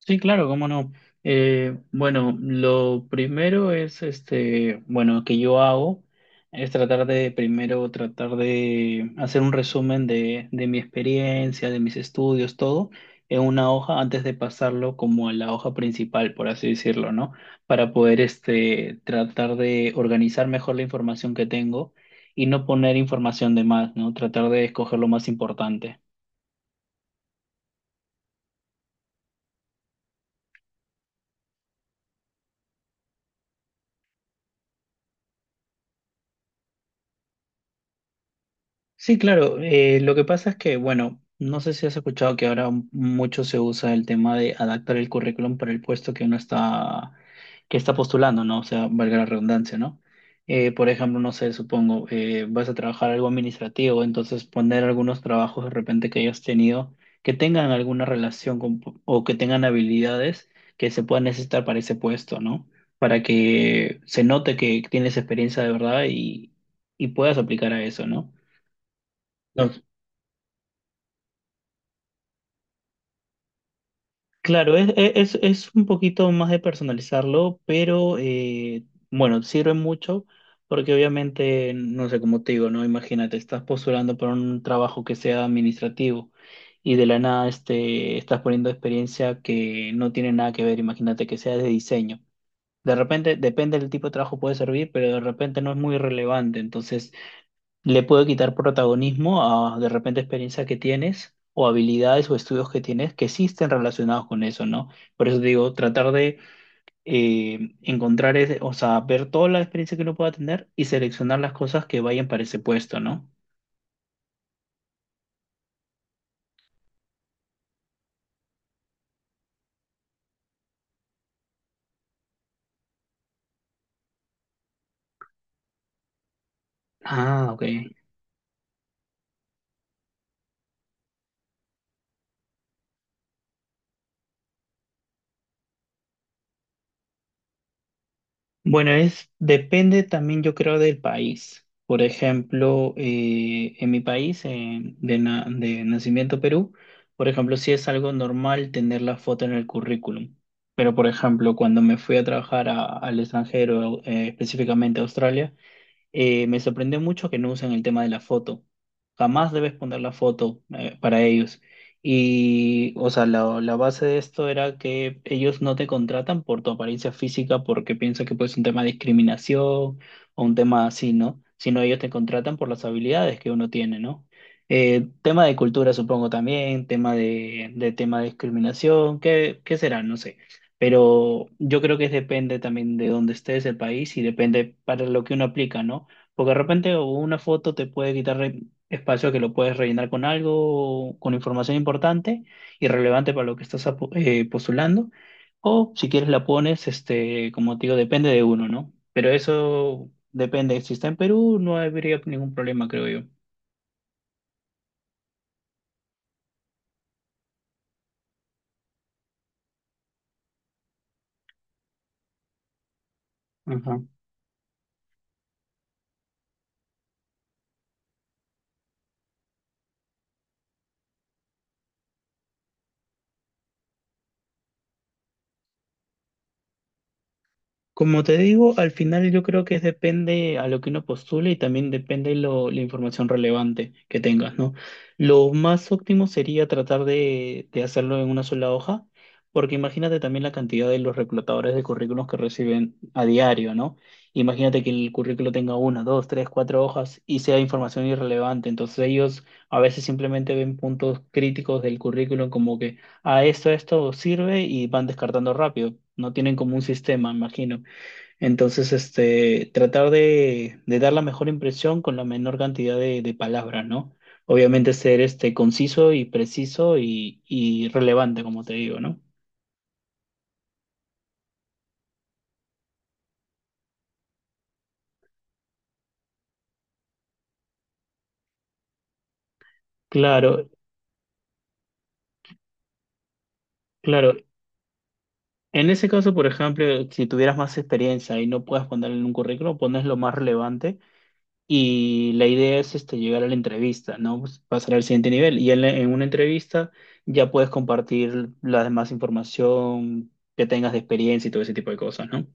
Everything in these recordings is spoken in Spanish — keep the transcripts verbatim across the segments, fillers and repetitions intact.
Sí, claro, cómo no. Eh, bueno, lo primero es, este, bueno, que yo hago es tratar de, primero, tratar de hacer un resumen de, de mi experiencia, de mis estudios, todo, en una hoja antes de pasarlo como a la hoja principal, por así decirlo, ¿no? Para poder, este, tratar de organizar mejor la información que tengo y no poner información de más, ¿no? Tratar de escoger lo más importante. Sí, claro. Eh, lo que pasa es que, bueno, no sé si has escuchado que ahora m- mucho se usa el tema de adaptar el currículum para el puesto que uno está, que está postulando, ¿no? O sea, valga la redundancia, ¿no? Eh, por ejemplo, no sé, supongo, eh, vas a trabajar algo administrativo, entonces poner algunos trabajos de repente que hayas tenido que tengan alguna relación con, o que tengan habilidades que se puedan necesitar para ese puesto, ¿no? Para que se note que tienes experiencia de verdad y, y puedas aplicar a eso, ¿no? Claro, es, e, es, es un poquito más de personalizarlo, pero eh, bueno, sirve mucho porque obviamente, no sé, cómo te digo, ¿no? Imagínate, estás postulando para un trabajo que sea administrativo y de la nada este, estás poniendo experiencia que no tiene nada que ver, imagínate que sea de diseño. De repente, depende del tipo de trabajo puede servir, pero de repente no es muy relevante, entonces le puede quitar protagonismo a de repente experiencias que tienes o habilidades o estudios que tienes que sí estén relacionados con eso, ¿no? Por eso te digo, tratar de eh, encontrar, ese- o sea, ver toda la experiencia que uno pueda tener y seleccionar las cosas que vayan para ese puesto, ¿no? Ah, ok. Bueno, es, depende también yo creo del país. Por ejemplo, eh, en mi país, eh, de, na- de nacimiento Perú, por ejemplo, sí es algo normal tener la foto en el currículum. Pero, por ejemplo, cuando me fui a trabajar a- al extranjero, eh, específicamente a Australia, eh, me sorprendió mucho que no usen el tema de la foto. Jamás debes poner la foto eh, para ellos. Y, o sea, la, la base de esto era que ellos no te contratan por tu apariencia física porque piensan que pues es un tema de discriminación o un tema así, ¿no? Sino ellos te contratan por las habilidades que uno tiene, ¿no? Eh, tema de cultura, supongo también, tema de, de tema de discriminación, ¿qué, qué será? No sé. Pero yo creo que depende también de dónde estés, el país, y depende para lo que uno aplica, ¿no? Porque de repente o una foto te puede quitar re- espacio que lo puedes rellenar con algo, o con información importante y relevante para lo que estás apo- eh, postulando. O si quieres la pones, este, como te digo, depende de uno, ¿no? Pero eso depende. Si está en Perú, no habría ningún problema, creo yo. Como te digo, al final yo creo que depende a lo que uno postule y también depende lo, la información relevante que tengas, ¿no? Lo más óptimo sería tratar de, de hacerlo en una sola hoja, porque imagínate también la cantidad de los reclutadores de currículos que reciben a diario, ¿no? Imagínate que el currículo tenga una, dos, tres, cuatro hojas y sea información irrelevante. Entonces ellos a veces simplemente ven puntos críticos del currículum como que a esto, esto sirve y van descartando rápido. No tienen como un sistema, imagino. Entonces, este, tratar de, de dar la mejor impresión con la menor cantidad de, de palabras, ¿no? Obviamente ser este conciso y preciso y, y relevante, como te digo, ¿no? Claro, claro. En ese caso, por ejemplo, si tuvieras más experiencia y no puedes ponerlo en un currículum, pones lo más relevante y la idea es este, llegar a la entrevista, ¿no? Pues, pasar al siguiente nivel. Y en, la- en una entrevista ya puedes compartir la demás información que tengas de experiencia y todo ese tipo de cosas, ¿no?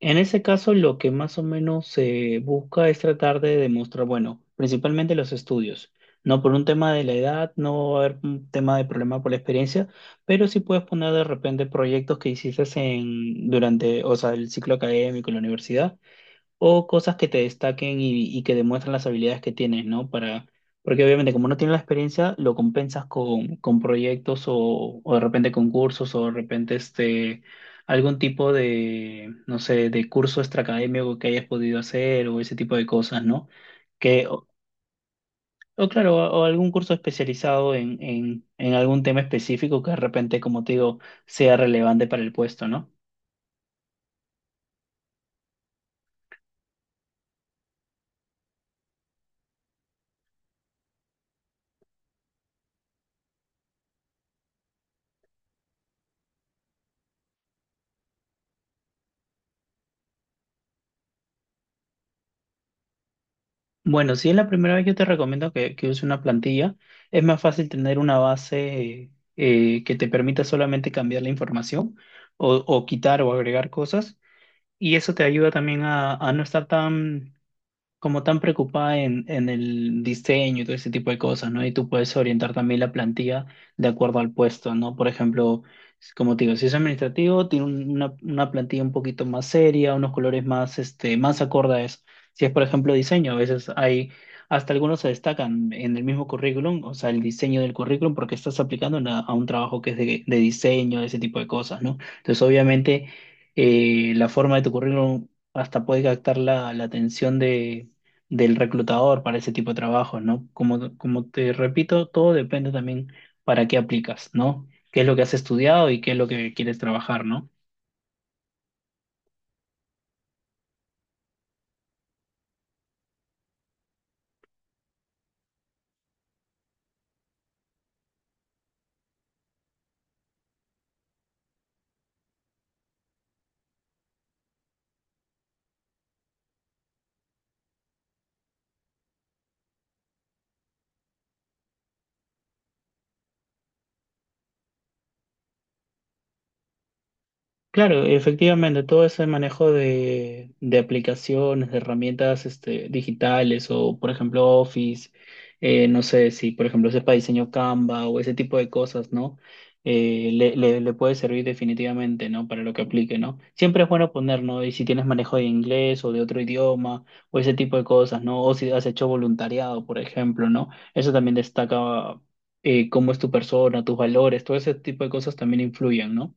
En ese caso, lo que más o menos se busca es tratar de demostrar, bueno, principalmente los estudios. No por un tema de la edad, no va a haber un tema de problema por la experiencia, pero sí puedes poner de repente proyectos que hiciste en, durante, o sea, el ciclo académico, la universidad, o cosas que te destaquen y, y que demuestren las habilidades que tienes, ¿no? Para, porque obviamente como no tienes la experiencia, lo compensas con, con proyectos o, o de repente concursos o de repente este, algún tipo de, no sé, de curso extraacadémico que hayas podido hacer o ese tipo de cosas, ¿no? Que, o, o claro, o, o algún curso especializado en, en, en algún tema específico que de repente, como te digo, sea relevante para el puesto, ¿no? Bueno, si es la primera vez, yo te recomiendo que, que uses una plantilla. Es más fácil tener una base eh, que te permita solamente cambiar la información o, o quitar o agregar cosas. Y eso te ayuda también a, a no estar tan, como tan preocupada en, en el diseño y todo ese tipo de cosas, ¿no? Y tú puedes orientar también la plantilla de acuerdo al puesto, ¿no? Por ejemplo, como te digo, si es administrativo, tiene un- una, una plantilla un poquito más seria, unos colores más, este, más acorde a eso. Si es, por ejemplo, diseño, a veces hay, hasta algunos se destacan en el mismo currículum, o sea, el diseño del currículum, porque estás aplicando en a un trabajo que es de, de diseño, ese tipo de cosas, ¿no? Entonces, obviamente, eh, la forma de tu currículum hasta puede captar la, la atención de, del reclutador para ese tipo de trabajos, ¿no? Como, como te repito, todo depende también para qué aplicas, ¿no? ¿Qué es lo que has estudiado y qué es lo que quieres trabajar, ¿no? Claro, efectivamente, todo ese manejo de, de aplicaciones, de herramientas este, digitales o, por ejemplo, Office, eh, no sé si, por ejemplo, sepa diseño Canva o ese tipo de cosas, ¿no? Eh, le, le- le puede servir definitivamente, ¿no? Para lo que aplique, ¿no? Siempre es bueno poner, ¿no? Y si tienes manejo de inglés o de otro idioma o ese tipo de cosas, ¿no? O si has hecho voluntariado, por ejemplo, ¿no? Eso también destaca eh, cómo es tu persona, tus valores, todo ese tipo de cosas también influyen, ¿no?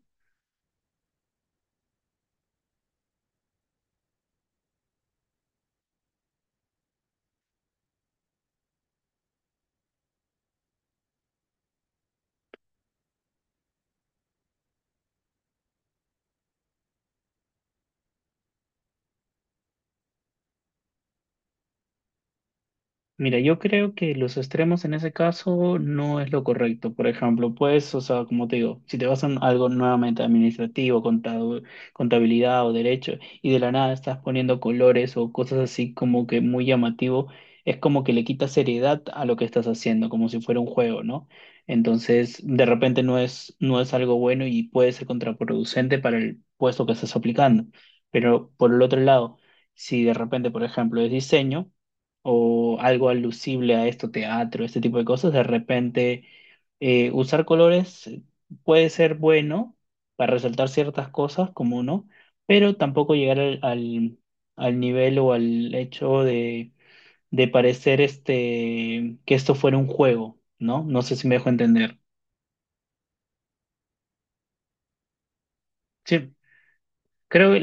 Mira, yo creo que los extremos en ese caso no es lo correcto. Por ejemplo, pues, o sea, como te digo, si te vas a un- algo nuevamente administrativo, contado- contabilidad o derecho, y de la nada estás poniendo colores o cosas así como que muy llamativo, es como que le quitas seriedad a lo que estás haciendo, como si fuera un juego, ¿no? Entonces, de repente no es, no es algo bueno y puede ser contraproducente para el puesto que estás aplicando. Pero por el otro lado, si de repente, por ejemplo, es diseño, o algo alusible a esto, teatro, este tipo de cosas, de repente eh, usar colores eh, puede ser bueno para resaltar ciertas cosas, como no, pero tampoco llegar al, al, al nivel o al hecho de, de parecer este, que esto fuera un juego, ¿no? No sé si me dejo entender. Sí, creo, que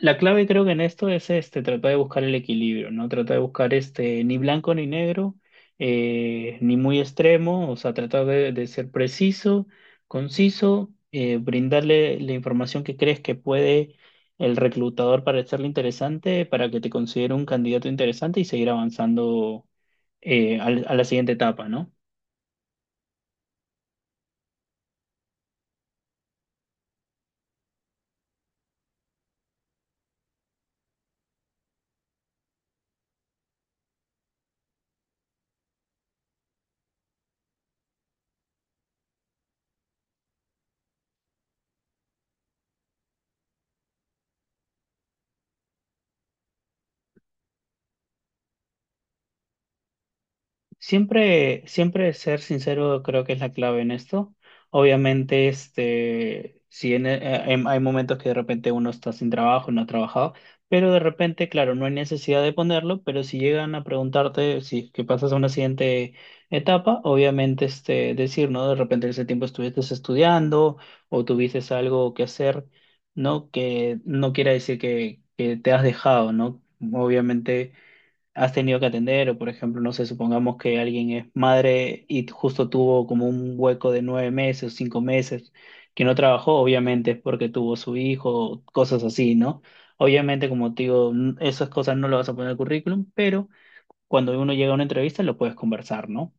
la clave creo que en esto es este, tratar de buscar el equilibrio, ¿no? Tratar de buscar este, ni blanco ni negro, eh, ni muy extremo, o sea, tratar de, de ser preciso, conciso, eh, brindarle la información que crees que puede el reclutador para hacerle interesante, para que te considere un candidato interesante y seguir avanzando eh, al- a la siguiente etapa, ¿no? Siempre, siempre ser sincero creo que es la clave en esto. Obviamente, este, si en- eh, em- hay momentos que de repente uno está sin trabajo, no ha trabajado, pero de repente, claro, no hay necesidad de ponerlo, pero si llegan a preguntarte si es que pasas a una siguiente etapa, obviamente, este, decir, ¿no? De repente ese tiempo estuviste estudiando o tuviste algo que hacer, ¿no? Que no quiera decir que, que te has dejado, ¿no? Obviamente has tenido que atender, o por ejemplo, no sé, supongamos que alguien es madre y justo tuvo como un hueco de nueve meses o cinco meses que no trabajó, obviamente es porque tuvo su hijo, cosas así, ¿no? Obviamente, como te digo, n- esas cosas no lo vas a poner en el currículum, pero cuando uno llega a una entrevista lo puedes conversar, ¿no?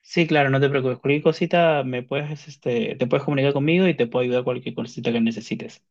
Sí, claro, no te preocupes. Cualquier cosita me puedes, este, te puedes comunicar conmigo y te puedo ayudar cualquier cosita que necesites.